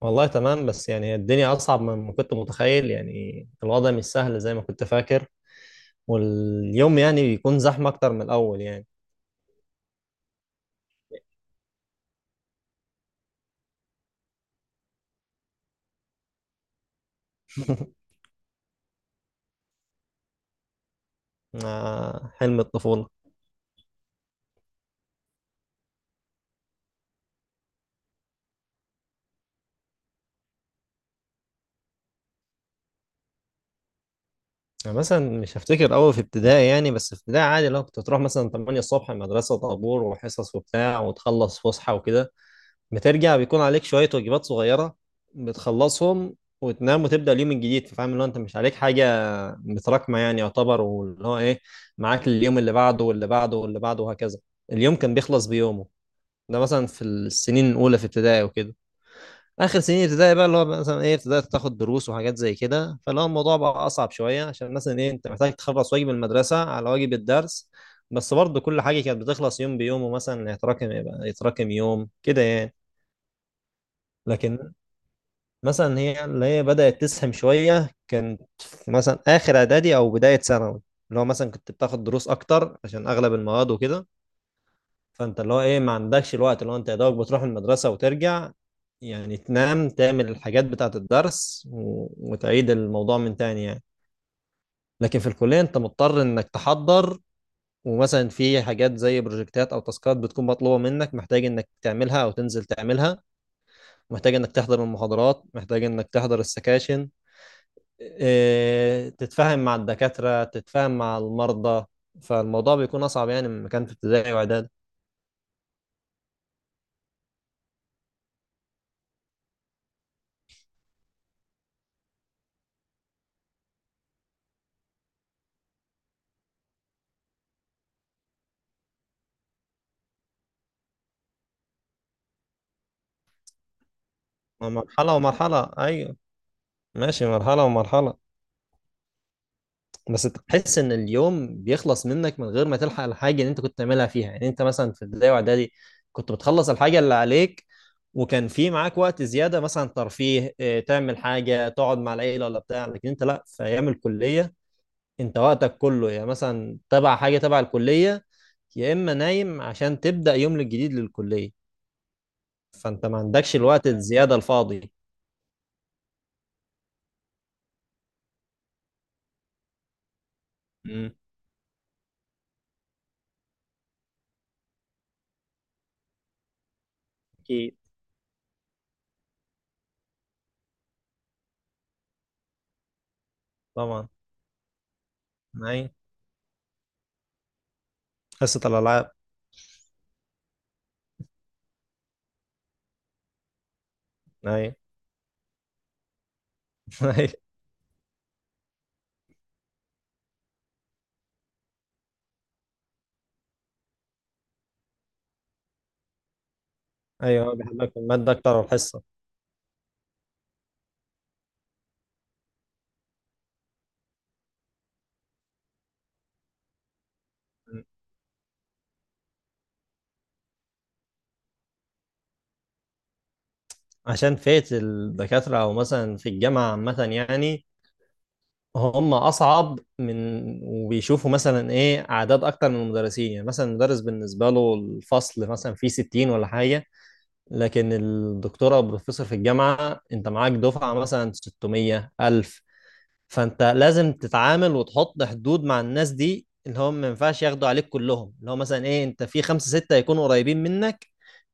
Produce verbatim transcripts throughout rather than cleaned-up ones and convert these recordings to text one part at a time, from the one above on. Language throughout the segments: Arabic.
والله تمام، بس يعني الدنيا أصعب مما كنت متخيل. يعني الوضع مش سهل زي ما كنت فاكر، واليوم يعني بيكون زحمة أكتر من الأول يعني. آه، حلم الطفولة. يعني مثلا مش هفتكر أوي في ابتدائي. يعني بس في ابتدائي عادي لو كنت تروح مثلا ثمانية الصبح المدرسة، طابور وحصص وبتاع وتخلص فسحة وكده. بترجع بيكون عليك شوية واجبات صغيرة، بتخلصهم وتنام وتبدأ اليوم الجديد. فاهم اللي هو أنت مش عليك حاجة متراكمه يعني، يعتبر واللي هو ايه، معاك اليوم اللي بعده واللي بعده واللي بعده وهكذا. اليوم كان بيخلص بيومه. ده مثلا في السنين الاولى في ابتدائي وكده. اخر سنين ابتدائي بقى اللي هو مثلا ايه، ابتدائي تاخد دروس وحاجات زي كده. فاللي هو الموضوع بقى اصعب شويه، عشان مثلا ايه انت محتاج تخلص واجب المدرسه على واجب الدرس. بس برضه كل حاجه كانت بتخلص يوم بيوم، ومثلا يتراكم يبقى يتراكم يوم كده يعني. لكن مثلا هي اللي هي بدأت تسهم شوية كانت في مثلا آخر إعدادي أو بداية ثانوي. اللي هو مثلا كنت بتاخد دروس أكتر عشان أغلب المواد وكده. فأنت اللي هو إيه ما عندكش الوقت، اللي هو أنت يا دوبك بتروح المدرسة وترجع، يعني تنام تعمل الحاجات بتاعة الدرس و... وتعيد الموضوع من تاني يعني. لكن في الكلية أنت مضطر إنك تحضر، ومثلا في حاجات زي بروجكتات أو تاسكات بتكون مطلوبة منك، محتاج إنك تعملها أو تنزل تعملها، محتاج إنك تحضر المحاضرات، محتاج إنك تحضر السكاشن، إيه، تتفاهم مع الدكاترة تتفاهم مع المرضى. فالموضوع بيكون أصعب يعني من كان في ابتدائي وإعدادي. ما مرحلة ومرحلة. أيوه ماشي، مرحلة ومرحلة. بس تحس إن اليوم بيخلص منك من غير ما تلحق الحاجة اللي أنت كنت تعملها فيها. يعني أنت مثلا في ابتدائي وإعدادي كنت بتخلص الحاجة اللي عليك، وكان في معاك وقت زيادة مثلا ترفيه، إيه، تعمل حاجة تقعد مع العيلة ولا بتاع. لكن أنت لأ، في أيام الكلية أنت وقتك كله يعني مثلا تبع حاجة، تبع الكلية، يا اما نايم عشان تبدا يوم الجديد للكليه. فانت ما عندكش الوقت الزياده الفاضي. مم. اكيد. طبعا. اي. حصه الالعاب. اي. اي. ايوه بيحبك في الماده اكتر والحصه. مم. عشان فئه الدكاتره او مثلا في الجامعه عامه يعني هم اصعب من، وبيشوفوا مثلا ايه اعداد اكتر من المدرسين. يعني مثلا المدرس بالنسبه له الفصل مثلا فيه ستين ولا حاجه، لكن الدكتوره او البروفيسور في الجامعه انت معاك دفعه مثلا ستمية ألف. فانت لازم تتعامل وتحط حدود مع الناس دي، اللي هم ما ينفعش ياخدوا عليك كلهم. اللي هو مثلا ايه، انت في خمسة ستة يكونوا قريبين منك،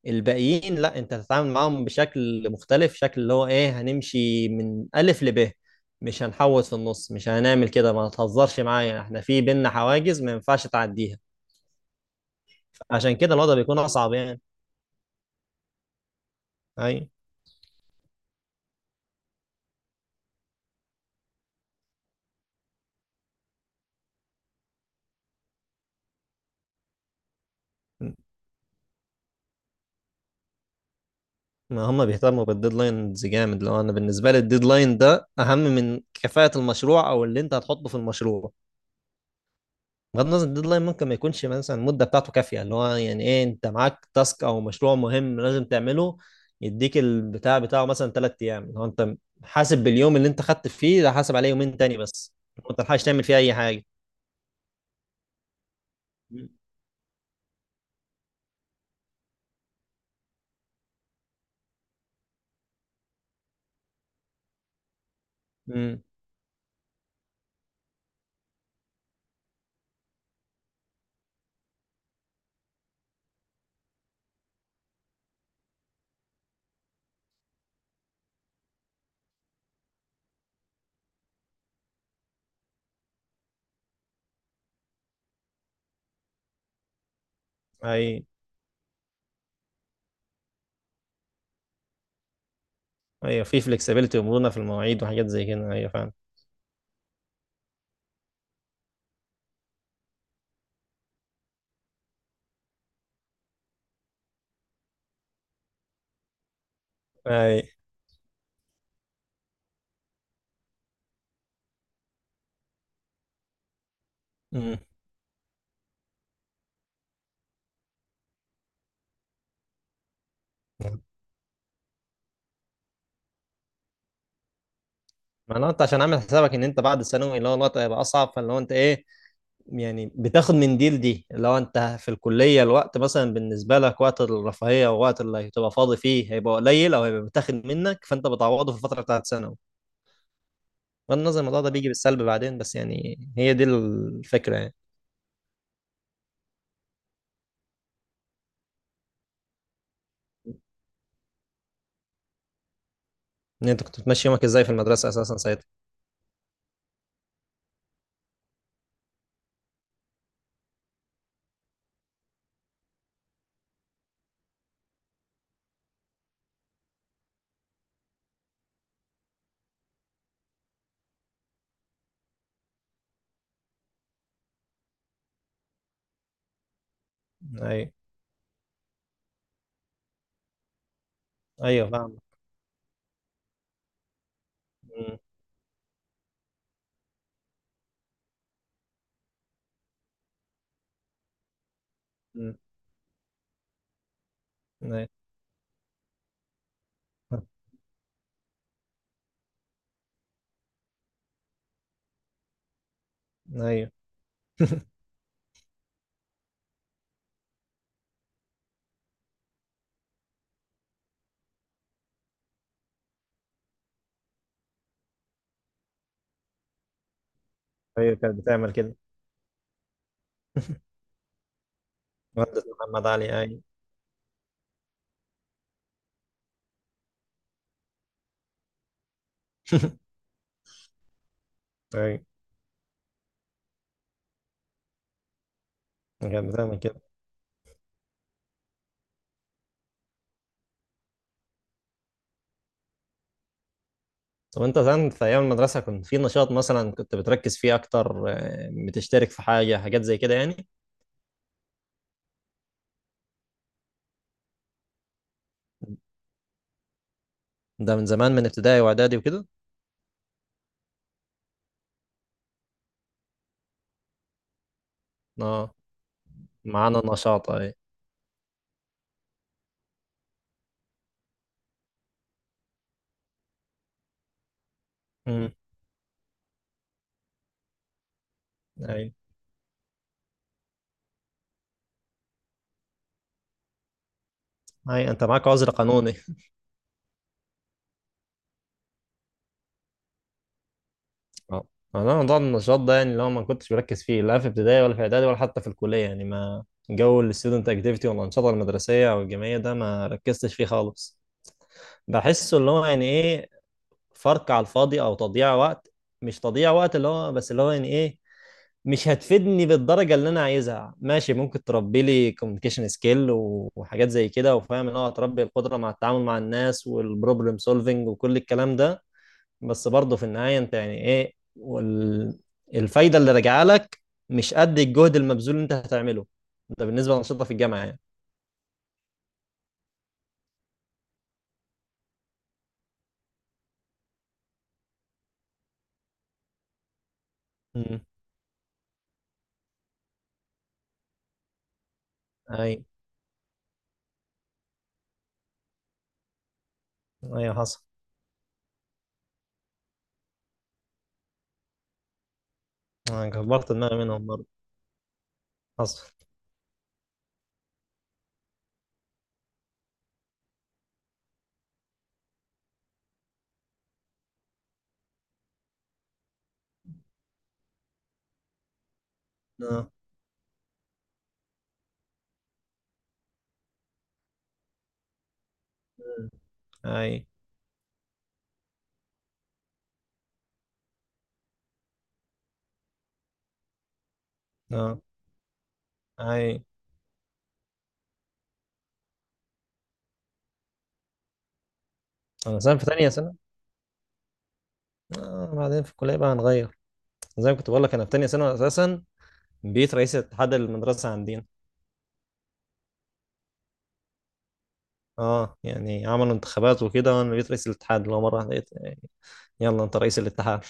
الباقيين لا انت تتعامل معاهم بشكل مختلف، شكل اللي هو ايه، هنمشي من الف لب، مش هنحوط في النص، مش هنعمل كده، ما تهزرش معايا، احنا في بينا حواجز ما ينفعش تعديها. عشان كده الوضع بيكون اصعب يعني. اي. ما هم بيهتموا بالديدلاينز جامد. لو انا بالنسبه لي الديدلاين ده اهم من كفاءه المشروع او اللي انت هتحطه في المشروع. بغض النظر الديدلاين ممكن ما يكونش مثلا المده بتاعته كافيه. اللي هو يعني ايه، انت معاك تاسك او مشروع مهم لازم تعمله، يديك البتاع بتاعه مثلا ثلاث ايام، اللي هو انت حاسب باليوم اللي انت خدت فيه ده، حاسب عليه يومين تاني بس، ما تلحقش تعمل فيه اي حاجه. امم. اي. ايوه في فلكسبيتي ومرونه في المواعيد وحاجات زي كده، ايوه فاهم. اي. امم. معناته انت عشان عامل حسابك ان انت بعد الثانوي اللي هو الوقت هيبقى اصعب، فاللي هو انت ايه، يعني بتاخد من دي لدي. لو انت في الكلية الوقت مثلا بالنسبة لك، وقت الرفاهية ووقت اللي هتبقى فاضي فيه هيبقى قليل، او هيبقى بتاخد منك، فانت بتعوضه في الفترة بتاعت ثانوي. بغض النظر الموضوع ده بيجي بالسلب بعدين، بس يعني هي دي الفكرة يعني. ان انت كنت بتمشي يومك ازاي في المدرسة اساسا ساعتها؟ ايوه. ايوه فاهم. م- م- ايوه. ايوه. ايوه كانت بتعمل كده. مهندس محمد علي، ايوه. ايوه كانت بتعمل كده. طب انت زمان في ايام المدرسه كنت في نشاط مثلا كنت بتركز فيه اكتر، آه، بتشترك في حاجه حاجات زي كده يعني؟ ده من زمان من ابتدائي واعدادي وكده. اه معانا نشاط. اي. امم. اي. اي انت معاك عذر قانوني. اه. انا موضوع النشاط ده يعني اللي هو ما كنتش بركز فيه، لا في ابتدائي ولا في اعدادي ولا حتى في الكليه يعني. ما جو الستودنت اكتيفيتي والانشطه المدرسيه او الجامعيه ده ما ركزتش فيه خالص. بحسه اللي هو يعني ايه، فرق على الفاضي او تضييع وقت. مش تضييع وقت اللي هو، بس اللي هو يعني ايه، مش هتفيدني بالدرجه اللي انا عايزها. ماشي، ممكن تربي لي كوميونيكيشن سكيل وحاجات زي كده، وفاهم ان هو هتربي القدره مع التعامل مع الناس والبروبلم سولفنج وكل الكلام ده. بس برضه في النهايه انت يعني ايه وال... الفايده اللي راجعه لك مش قد الجهد المبذول اللي انت هتعمله. ده بالنسبه للانشطه في الجامعه يعني. مم. اي. ايوه حصل. انا كبرت دماغي منهم برضه. حصل. اه. اي. اه. اي. انا سنه في تانية سنه، آه، بعدين في الكليه بقى هنغير. زي ما كنت بقول لك انا في تانية ثانوي اساسا بقيت رئيس اتحاد المدرسه عندنا. اه يعني عملوا انتخابات وكده، وانا بقيت رئيس الاتحاد. اللي هو مره واحدة لقيت يلا انت رئيس الاتحاد.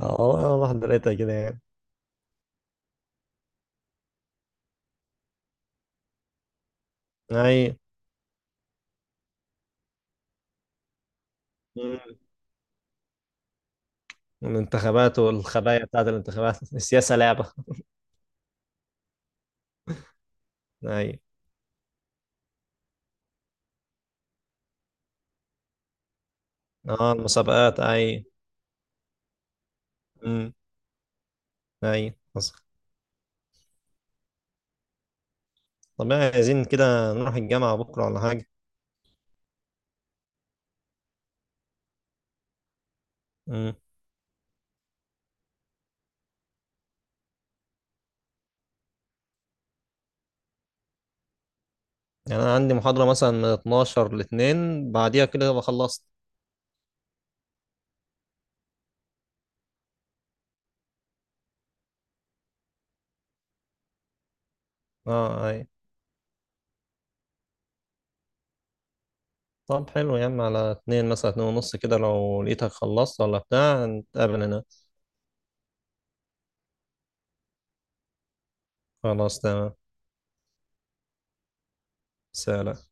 اه والله واحده لقيتها كده يعني. اي. مم. الانتخابات والخبايا بتاعت الانتخابات. السياسه لعبه. اي. اه المسابقات. اي. امم. اي حصل. طب يعني عايزين كده نروح الجامعه بكره ولا حاجه؟ امم. يعني انا عندي محاضره مثلا من الاتناشر ل الاتنين، بعديها كده بخلصت. اه. اي. طب حلو يا عم، على اتنين مثلا اتنين ونص كده، لو لقيتك خلصت ولا بتاع نتقابل هنا. خلاص تمام. سلام.